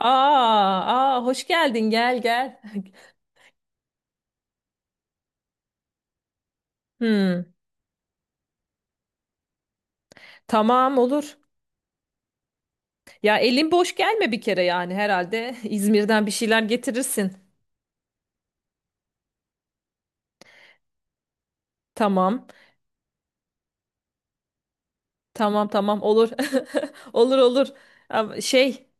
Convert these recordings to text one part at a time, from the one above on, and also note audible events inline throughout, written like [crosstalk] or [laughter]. Aa, aa, hoş geldin, gel gel. [laughs] Hmm, tamam, olur. Ya elin boş gelme bir kere yani herhalde, [laughs] İzmir'den bir şeyler getirirsin. Tamam, tamam tamam olur. [laughs] Olur olur. Ama şey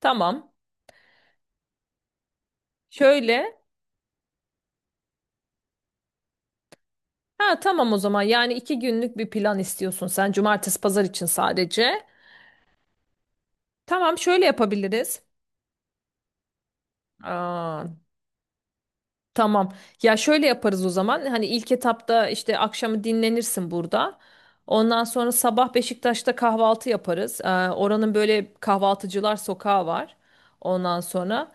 tamam şöyle, ha tamam o zaman, yani iki günlük bir plan istiyorsun sen, cumartesi pazar için sadece. Tamam, şöyle yapabiliriz. Aa, tamam. Ya şöyle yaparız o zaman. Hani ilk etapta işte akşamı dinlenirsin burada. Ondan sonra sabah Beşiktaş'ta kahvaltı yaparız. Oranın böyle kahvaltıcılar sokağı var. Ondan sonra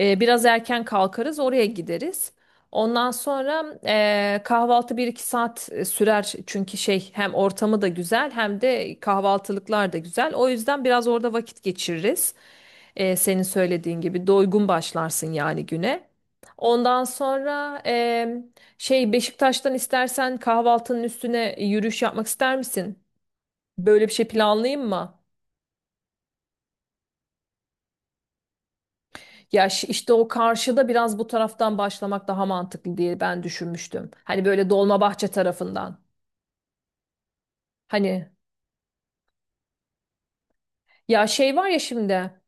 biraz erken kalkarız, oraya gideriz. Ondan sonra kahvaltı bir iki saat sürer, çünkü şey, hem ortamı da güzel hem de kahvaltılıklar da güzel. O yüzden biraz orada vakit geçiririz. Senin söylediğin gibi doygun başlarsın yani güne. Ondan sonra şey, Beşiktaş'tan istersen kahvaltının üstüne yürüyüş yapmak ister misin? Böyle bir şey planlayayım mı? Ya işte o karşıda, biraz bu taraftan başlamak daha mantıklı diye ben düşünmüştüm. Hani böyle Dolmabahçe tarafından. Hani ya şey var ya, şimdi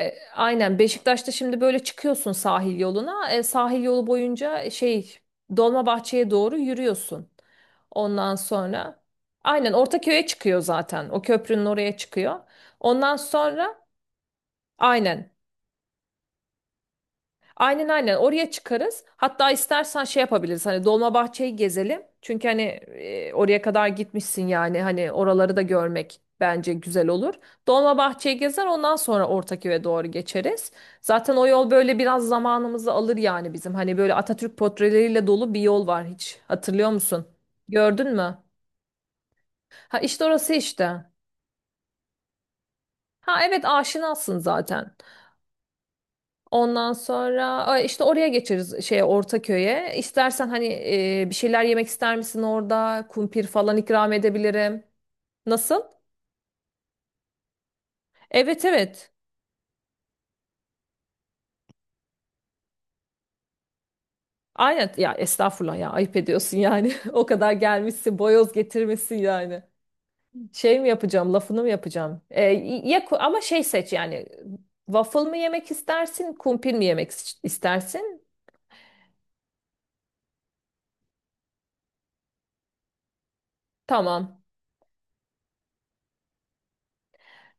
aynen Beşiktaş'ta şimdi böyle çıkıyorsun sahil yoluna. Sahil yolu boyunca şey, Dolmabahçe'ye doğru yürüyorsun. Ondan sonra aynen Ortaköy'e çıkıyor zaten. O köprünün oraya çıkıyor. Ondan sonra aynen. Aynen aynen, oraya çıkarız. Hatta istersen şey yapabiliriz. Hani Dolmabahçe'yi gezelim. Çünkü hani oraya kadar gitmişsin yani, hani oraları da görmek bence güzel olur. Dolmabahçe'yi gezer, ondan sonra Ortaköy'e doğru geçeriz. Zaten o yol böyle biraz zamanımızı alır yani bizim. Hani böyle Atatürk portreleriyle dolu bir yol var hiç. Hatırlıyor musun? Gördün mü? Ha, işte orası işte. Ha evet, aşinasın zaten. Ondan sonra işte oraya geçeriz, şeye, Ortaköy'e. İstersen hani bir şeyler yemek ister misin orada? Kumpir falan ikram edebilirim. Nasıl? Evet evet. Aynen ya, estağfurullah ya, ayıp ediyorsun yani. [laughs] O kadar gelmişsin, boyoz getirmişsin yani. Şey mi yapacağım, lafını mı yapacağım? Ya ama şey seç yani, waffle mı yemek istersin, kumpir mi yemek istersin? Tamam.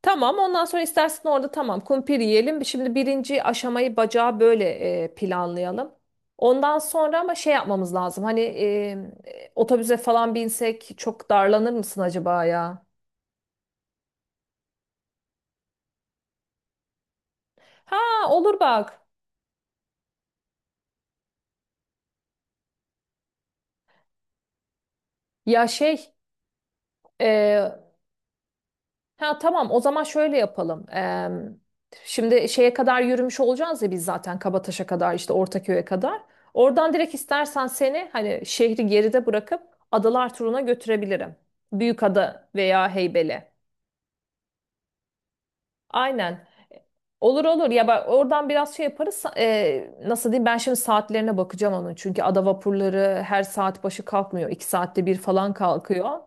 Tamam, ondan sonra istersen orada, tamam, kumpir yiyelim. Şimdi birinci aşamayı, bacağı böyle planlayalım. Ondan sonra ama şey yapmamız lazım. Hani otobüse falan binsek çok darlanır mısın acaba ya? Ha, olur bak. Ya şey, e, ha, tamam o zaman şöyle yapalım. Şimdi şeye kadar yürümüş olacağız ya biz zaten, Kabataş'a kadar, işte Ortaköy'e kadar. Oradan direkt istersen seni hani şehri geride bırakıp adalar turuna götürebilirim. Büyükada veya Heybeli. Aynen. Olur olur, ya bak oradan biraz şey yaparız. Nasıl diyeyim, ben şimdi saatlerine bakacağım onun. Çünkü ada vapurları her saat başı kalkmıyor. İki saatte bir falan kalkıyor.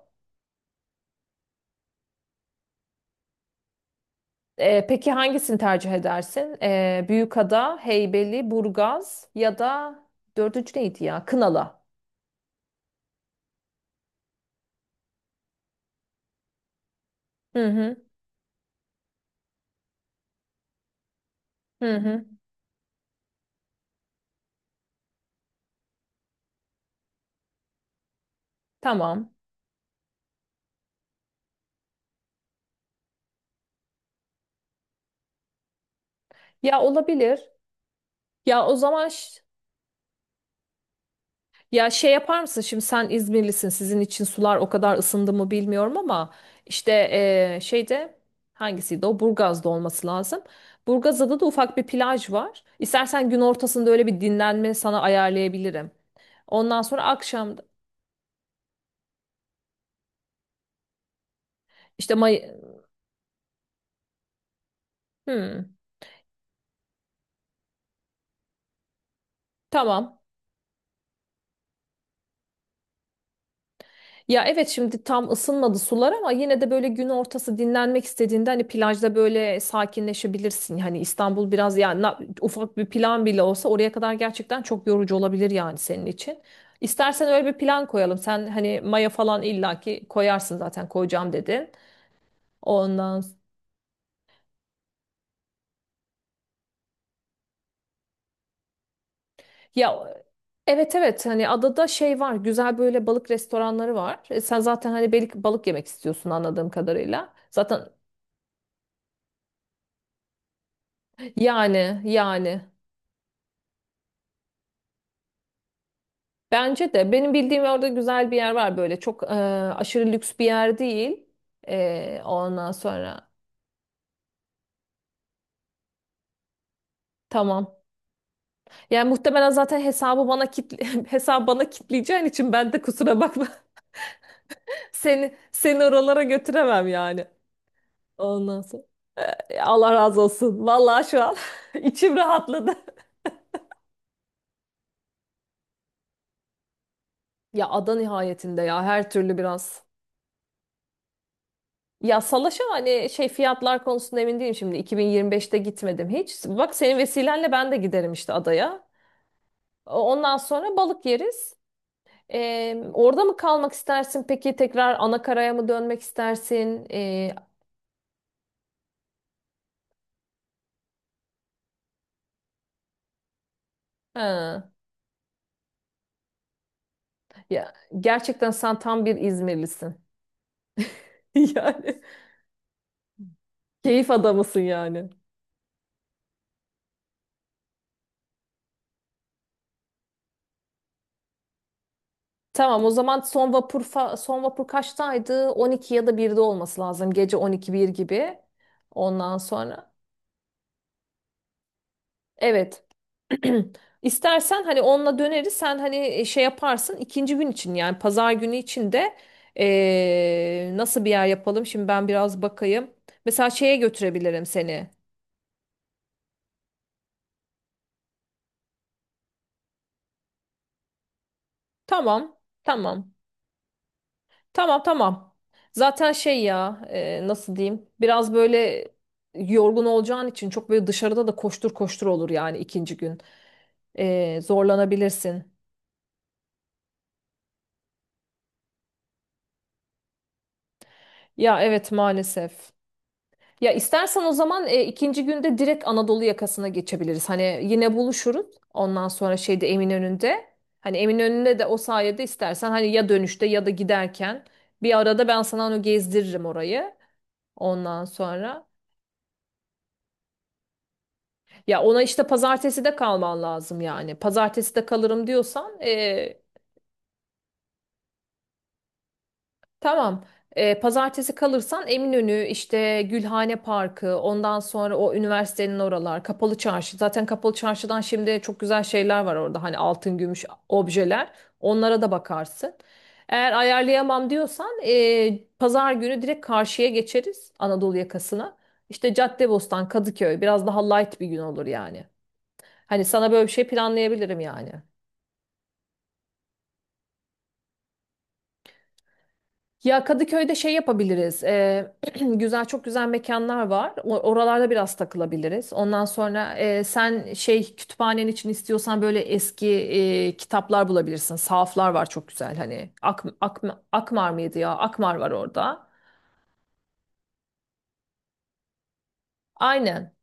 Peki hangisini tercih edersin? Büyükada, Heybeli, Burgaz, ya da dördüncü neydi ya? Kınalı. Hı hı. Hı hı. Tamam. Ya olabilir. Ya o zaman ya, şey yapar mısın? Şimdi sen İzmirlisin. Sizin için sular o kadar ısındı mı bilmiyorum ama, işte şeyde, hangisiydi o? Burgaz'da olması lazım. Burgaz'da da ufak bir plaj var. İstersen gün ortasında öyle bir dinlenme sana ayarlayabilirim. Ondan sonra akşam işte May... Hmm. Tamam. Ya evet, şimdi tam ısınmadı sular ama yine de böyle gün ortası dinlenmek istediğinde hani plajda böyle sakinleşebilirsin. Hani İstanbul biraz yani, ufak bir plan bile olsa oraya kadar gerçekten çok yorucu olabilir yani senin için. İstersen öyle bir plan koyalım. Sen hani maya falan illaki koyarsın zaten, koyacağım dedin. Ondan s- Ya evet evet, hani adada şey var, güzel böyle balık restoranları var. Sen zaten hani balık yemek istiyorsun anladığım kadarıyla. Zaten yani yani. Bence de benim bildiğim orada güzel bir yer var, böyle çok aşırı lüks bir yer değil. Ondan sonra tamam. Yani muhtemelen zaten hesabı bana kitle, [laughs] hesabı bana kitleyeceğin için ben de kusura bakma. [laughs] Seni seni oralara götüremem yani. Ondan sonra Allah razı olsun. Vallahi şu an [laughs] içim rahatladı. Ya ada nihayetinde ya, her türlü biraz. Ya Salaş'a, hani şey fiyatlar konusunda emin değilim şimdi. 2025'te gitmedim hiç. Bak, senin vesilenle ben de giderim işte adaya. Ondan sonra balık yeriz. Orada mı kalmak istersin, peki tekrar ana karaya mı dönmek istersin? Ha, ya gerçekten sen tam bir İzmirlisin. [laughs] Yani keyif adamısın yani. Tamam, o zaman son vapur son vapur kaçtaydı? 12 ya da 1'de olması lazım. Gece 12 1 gibi. Ondan sonra evet. [clears throat] İstersen hani onunla döneriz. Sen hani şey yaparsın ikinci gün için, yani pazar günü için de nasıl bir yer yapalım? Şimdi ben biraz bakayım. Mesela şeye götürebilirim seni. Tamam, tamam, tamam, tamam. Zaten şey ya, nasıl diyeyim? Biraz böyle yorgun olacağın için çok böyle dışarıda da koştur koştur olur yani ikinci gün. Zorlanabilirsin. Ya evet, maalesef. Ya istersen o zaman ikinci günde direkt Anadolu yakasına geçebiliriz. Hani yine buluşuruz. Ondan sonra şeyde, Eminönü'nde. Hani Eminönü'nde de, o sayede istersen hani, ya dönüşte ya da giderken bir arada ben sana onu gezdiririm, orayı. Ondan sonra ya ona işte pazartesi de kalman lazım yani. Pazartesi de kalırım diyorsan tamam. Pazartesi kalırsan Eminönü, işte Gülhane Parkı, ondan sonra o üniversitenin oralar, Kapalı Çarşı. Zaten Kapalı Çarşı'dan şimdi çok güzel şeyler var orada. Hani altın, gümüş objeler. Onlara da bakarsın. Eğer ayarlayamam diyorsan pazar günü direkt karşıya geçeriz, Anadolu yakasına. İşte Caddebostan, Kadıköy, biraz daha light bir gün olur yani. Hani sana böyle bir şey planlayabilirim yani. Ya Kadıköy'de şey yapabiliriz. [clears throat] Güzel, çok güzel mekanlar var. Oralarda biraz takılabiliriz. Ondan sonra sen şey kütüphanen için istiyorsan böyle eski kitaplar bulabilirsin. Sahaflar var, çok güzel. Hani Akmar mıydı ya? Akmar var orada. Aynen.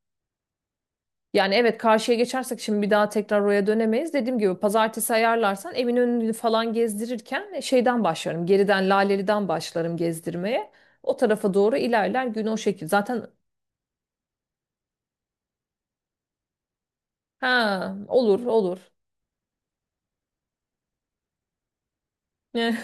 Yani evet, karşıya geçersek şimdi bir daha tekrar oraya dönemeyiz. Dediğim gibi pazartesi ayarlarsan, evin önünü falan gezdirirken şeyden başlarım. Geriden Laleli'den başlarım gezdirmeye. O tarafa doğru ilerler gün o şekil. Zaten ha, olur olur. [laughs] Ne?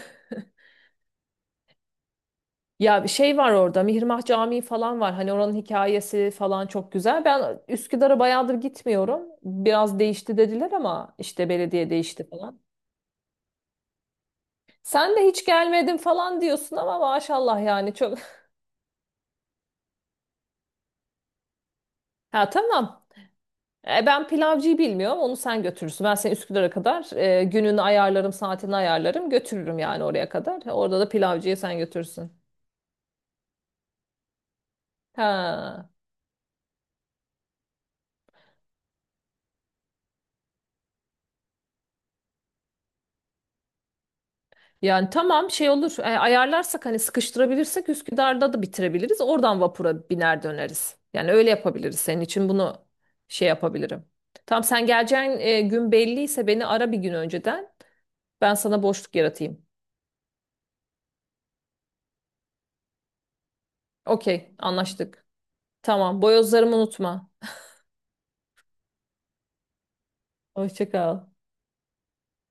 Ya bir şey var orada, Mihrimah Camii falan var. Hani oranın hikayesi falan çok güzel. Ben Üsküdar'a bayağıdır gitmiyorum. Biraz değişti dediler ama, işte belediye değişti falan. Sen de hiç gelmedin falan diyorsun ama maşallah yani, çok. [laughs] Ha tamam. Ben pilavcıyı bilmiyorum. Onu sen götürürsün. Ben seni Üsküdar'a kadar gününü ayarlarım, saatini ayarlarım. Götürürüm yani oraya kadar. Orada da pilavcıyı sen götürürsün. Ha. Yani tamam, şey olur, ayarlarsak hani, sıkıştırabilirsek Üsküdar'da da bitirebiliriz. Oradan vapura biner döneriz. Yani öyle yapabiliriz. Senin için bunu şey yapabilirim. Tamam, sen geleceğin gün belliyse beni ara bir gün önceden. Ben sana boşluk yaratayım. Okey, anlaştık. Tamam, boyozlarımı unutma. Hoşça kal.